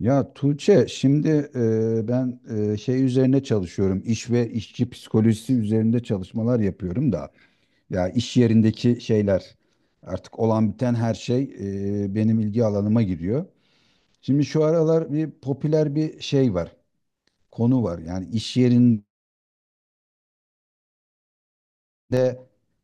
Ya Tuğçe, şimdi ben şey üzerine çalışıyorum. İş ve işçi psikolojisi üzerinde çalışmalar yapıyorum da ya iş yerindeki şeyler, artık olan biten her şey benim ilgi alanıma giriyor. Şimdi şu aralar bir popüler bir şey var. Konu var. Yani iş yerinde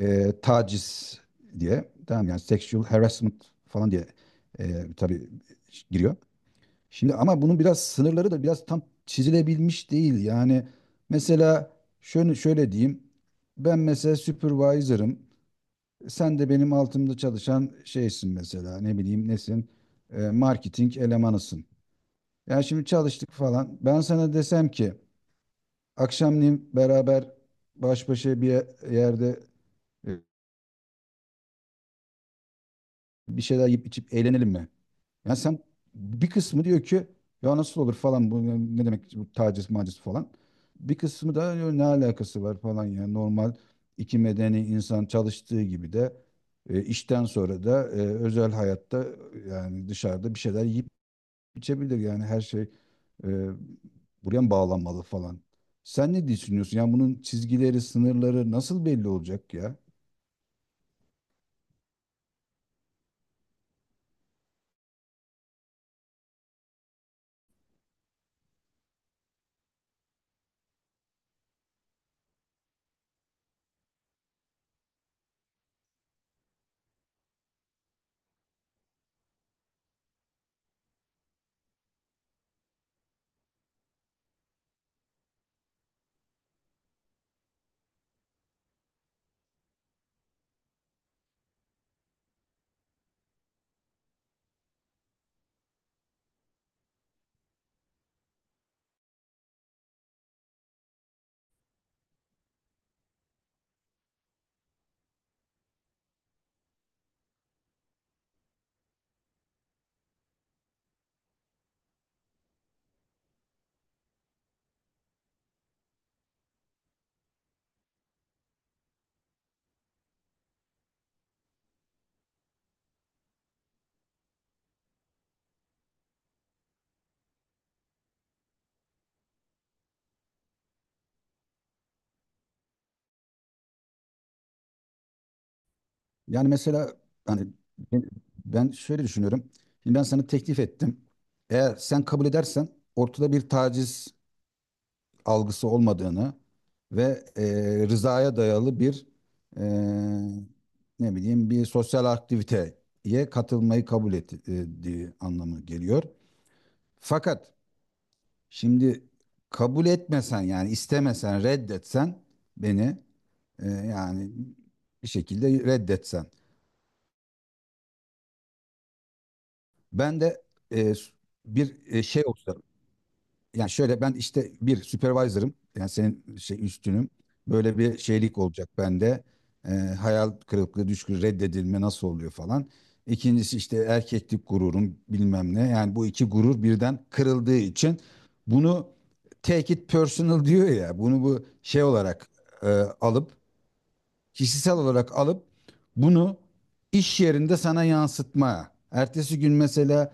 taciz diye, tamam yani sexual harassment falan diye tabii giriyor. Şimdi ama bunun biraz sınırları da biraz tam çizilebilmiş değil. Yani mesela şöyle diyeyim. Ben mesela supervisor'ım. Sen de benim altımda çalışan şeysin mesela. Ne bileyim nesin? Marketing elemanısın. Yani şimdi çalıştık falan. Ben sana desem ki akşamleyin beraber baş başa bir yerde bir şeyler yiyip içip eğlenelim mi? Ya sen, bir kısmı diyor ki ya nasıl olur falan, bu ne demek bu taciz maciz falan. Bir kısmı da "Ya ne alakası var falan, yani normal iki medeni insan çalıştığı gibi de işten sonra da özel hayatta, yani dışarıda bir şeyler yiyip içebilir, yani her şey e, buraya mı bağlanmalı falan. Sen ne düşünüyorsun? Yani bunun çizgileri, sınırları nasıl belli olacak ya? Yani mesela hani ben ben şöyle düşünüyorum. Şimdi ben sana teklif ettim. Eğer sen kabul edersen, ortada bir taciz algısı olmadığını ve rızaya dayalı bir e, ne bileyim bir sosyal aktiviteye katılmayı kabul ettiği anlamı geliyor. Fakat şimdi kabul etmesen, yani istemesen, reddetsen, beni e, yani bir şekilde reddetsen. Ben de e, bir şey olsa, yani şöyle, ben işte bir supervisor'ım, yani senin şey üstünüm, böyle bir şeylik olacak bende. Hayal kırıklığı reddedilme nasıl oluyor falan. İkincisi işte erkeklik gururum bilmem ne, yani bu iki gurur birden kırıldığı için bunu, take it personal diyor ya, bunu bu şey olarak e, alıp, kişisel olarak alıp bunu iş yerinde sana yansıtma. Ertesi gün mesela,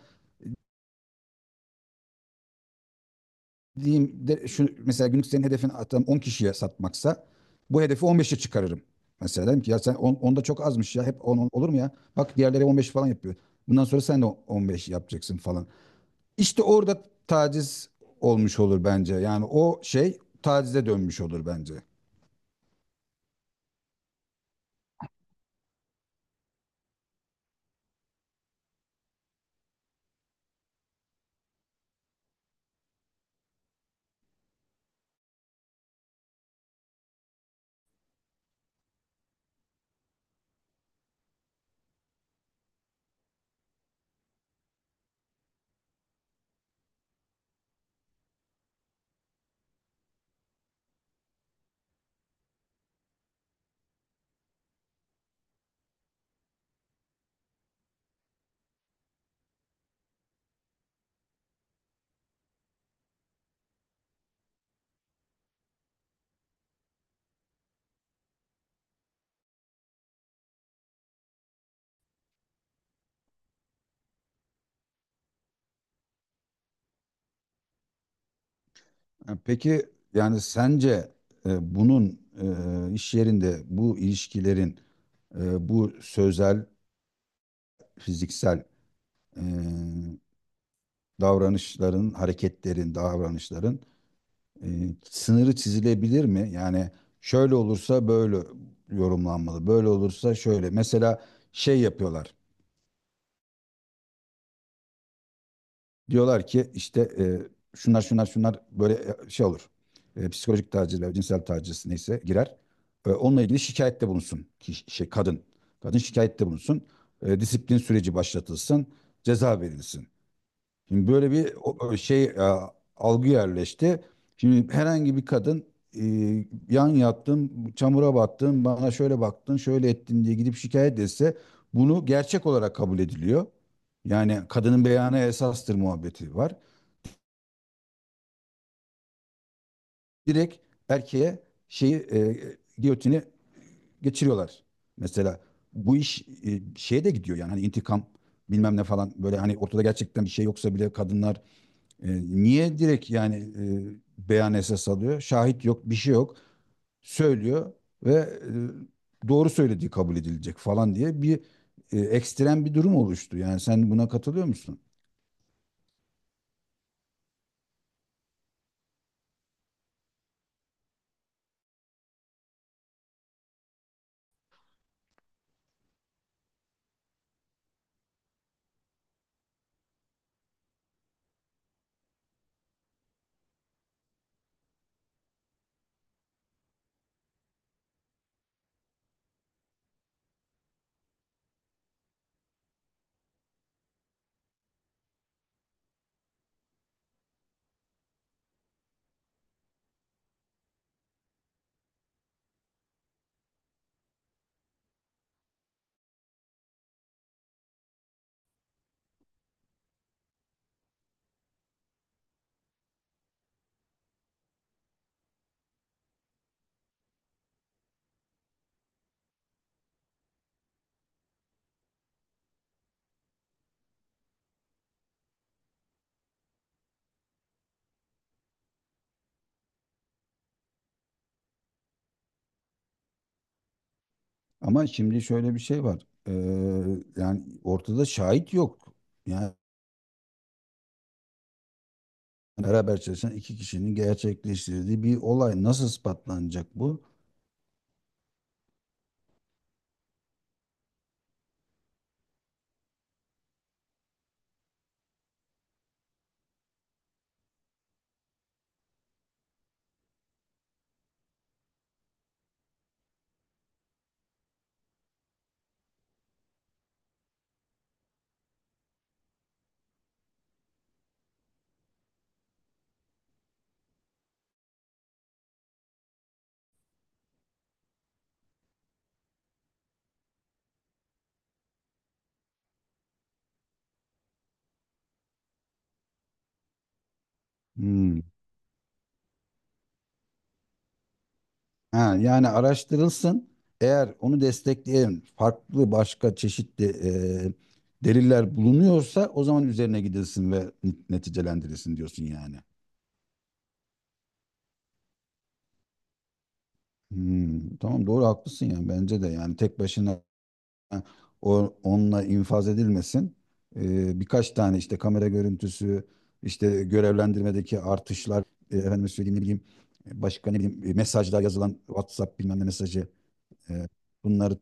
diyeyim de şu mesela, günlük senin hedefin atıyorum 10 kişiye satmaksa bu hedefi 15'e çıkarırım. Mesela dedim ki ya sen 10, 10 da çok azmış, ya hep 10, 10 olur mu ya? Bak diğerleri 15 falan yapıyor. Bundan sonra sen de 15 yapacaksın falan. İşte orada taciz olmuş olur bence. Yani o şey tacize dönmüş olur bence. Ha, peki yani sence bunun iş yerinde bu ilişkilerin bu sözel, fiziksel e, davranışların, hareketlerin, davranışların e, sınırı çizilebilir mi? Yani şöyle olursa böyle yorumlanmalı, böyle olursa şöyle. Mesela şey yapıyorlar. Diyorlar ki işte şunlar şunlar şunlar böyle şey olur. Psikolojik taciz ve cinsel taciz neyse girer. Onunla ilgili şikayette bulunsun ki şey kadın. Kadın şikayette bulunsun. Disiplin süreci başlatılsın. Ceza verilsin. Şimdi böyle bir o şey algı yerleşti. Şimdi herhangi bir kadın e, yan yattın, çamura battın, bana şöyle baktın, şöyle ettin diye gidip şikayet etse bunu gerçek olarak kabul ediliyor. Yani kadının beyanı esastır muhabbeti var. Direkt erkeğe şeyi giyotini geçiriyorlar. Mesela bu iş şeye de gidiyor, yani hani intikam bilmem ne falan, böyle hani ortada gerçekten bir şey yoksa bile kadınlar. E, Niye direkt yani beyan esas alıyor? Şahit yok, bir şey yok. Söylüyor ve doğru söylediği kabul edilecek falan diye bir ekstrem bir durum oluştu. Yani sen buna katılıyor musun? Ama şimdi şöyle bir şey var. Yani ortada şahit yok. Yani beraber çalışan iki kişinin gerçekleştirdiği bir olay nasıl ispatlanacak bu? Hmm. Ha, yani araştırılsın. Eğer onu destekleyen farklı başka çeşitli e, deliller bulunuyorsa o zaman üzerine gidilsin ve neticelendirilsin diyorsun yani. Hmm, tamam, doğru, haklısın. Yani bence de yani tek başına o, onunla infaz edilmesin. Birkaç tane işte kamera görüntüsü, işte görevlendirmedeki artışlar, efendime söyleyeyim ne bileyim, başka ne bileyim mesajlar, yazılan WhatsApp bilmem ne mesajı e, bunları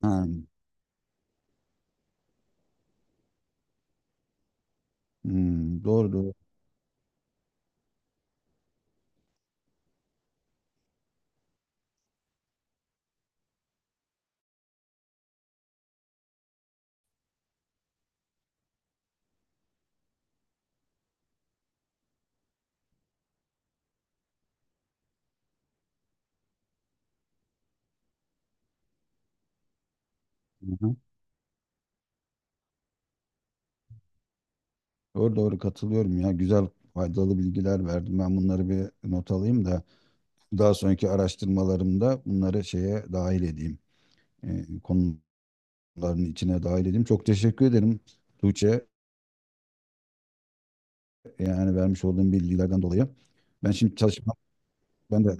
topla. Hmm, doğru doğru. Hı hı. Doğru doğru, katılıyorum ya. Güzel, faydalı bilgiler verdim. Ben bunları bir not alayım da daha sonraki araştırmalarımda bunları şeye dahil edeyim. Konuların içine dahil edeyim. Çok teşekkür ederim Tuğçe. Yani vermiş olduğum bilgilerden dolayı. Ben şimdi çalışmam. Ben de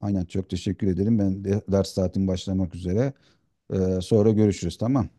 aynen çok teşekkür ederim. Ben de ders saatim başlamak üzere. Sonra görüşürüz, tamam.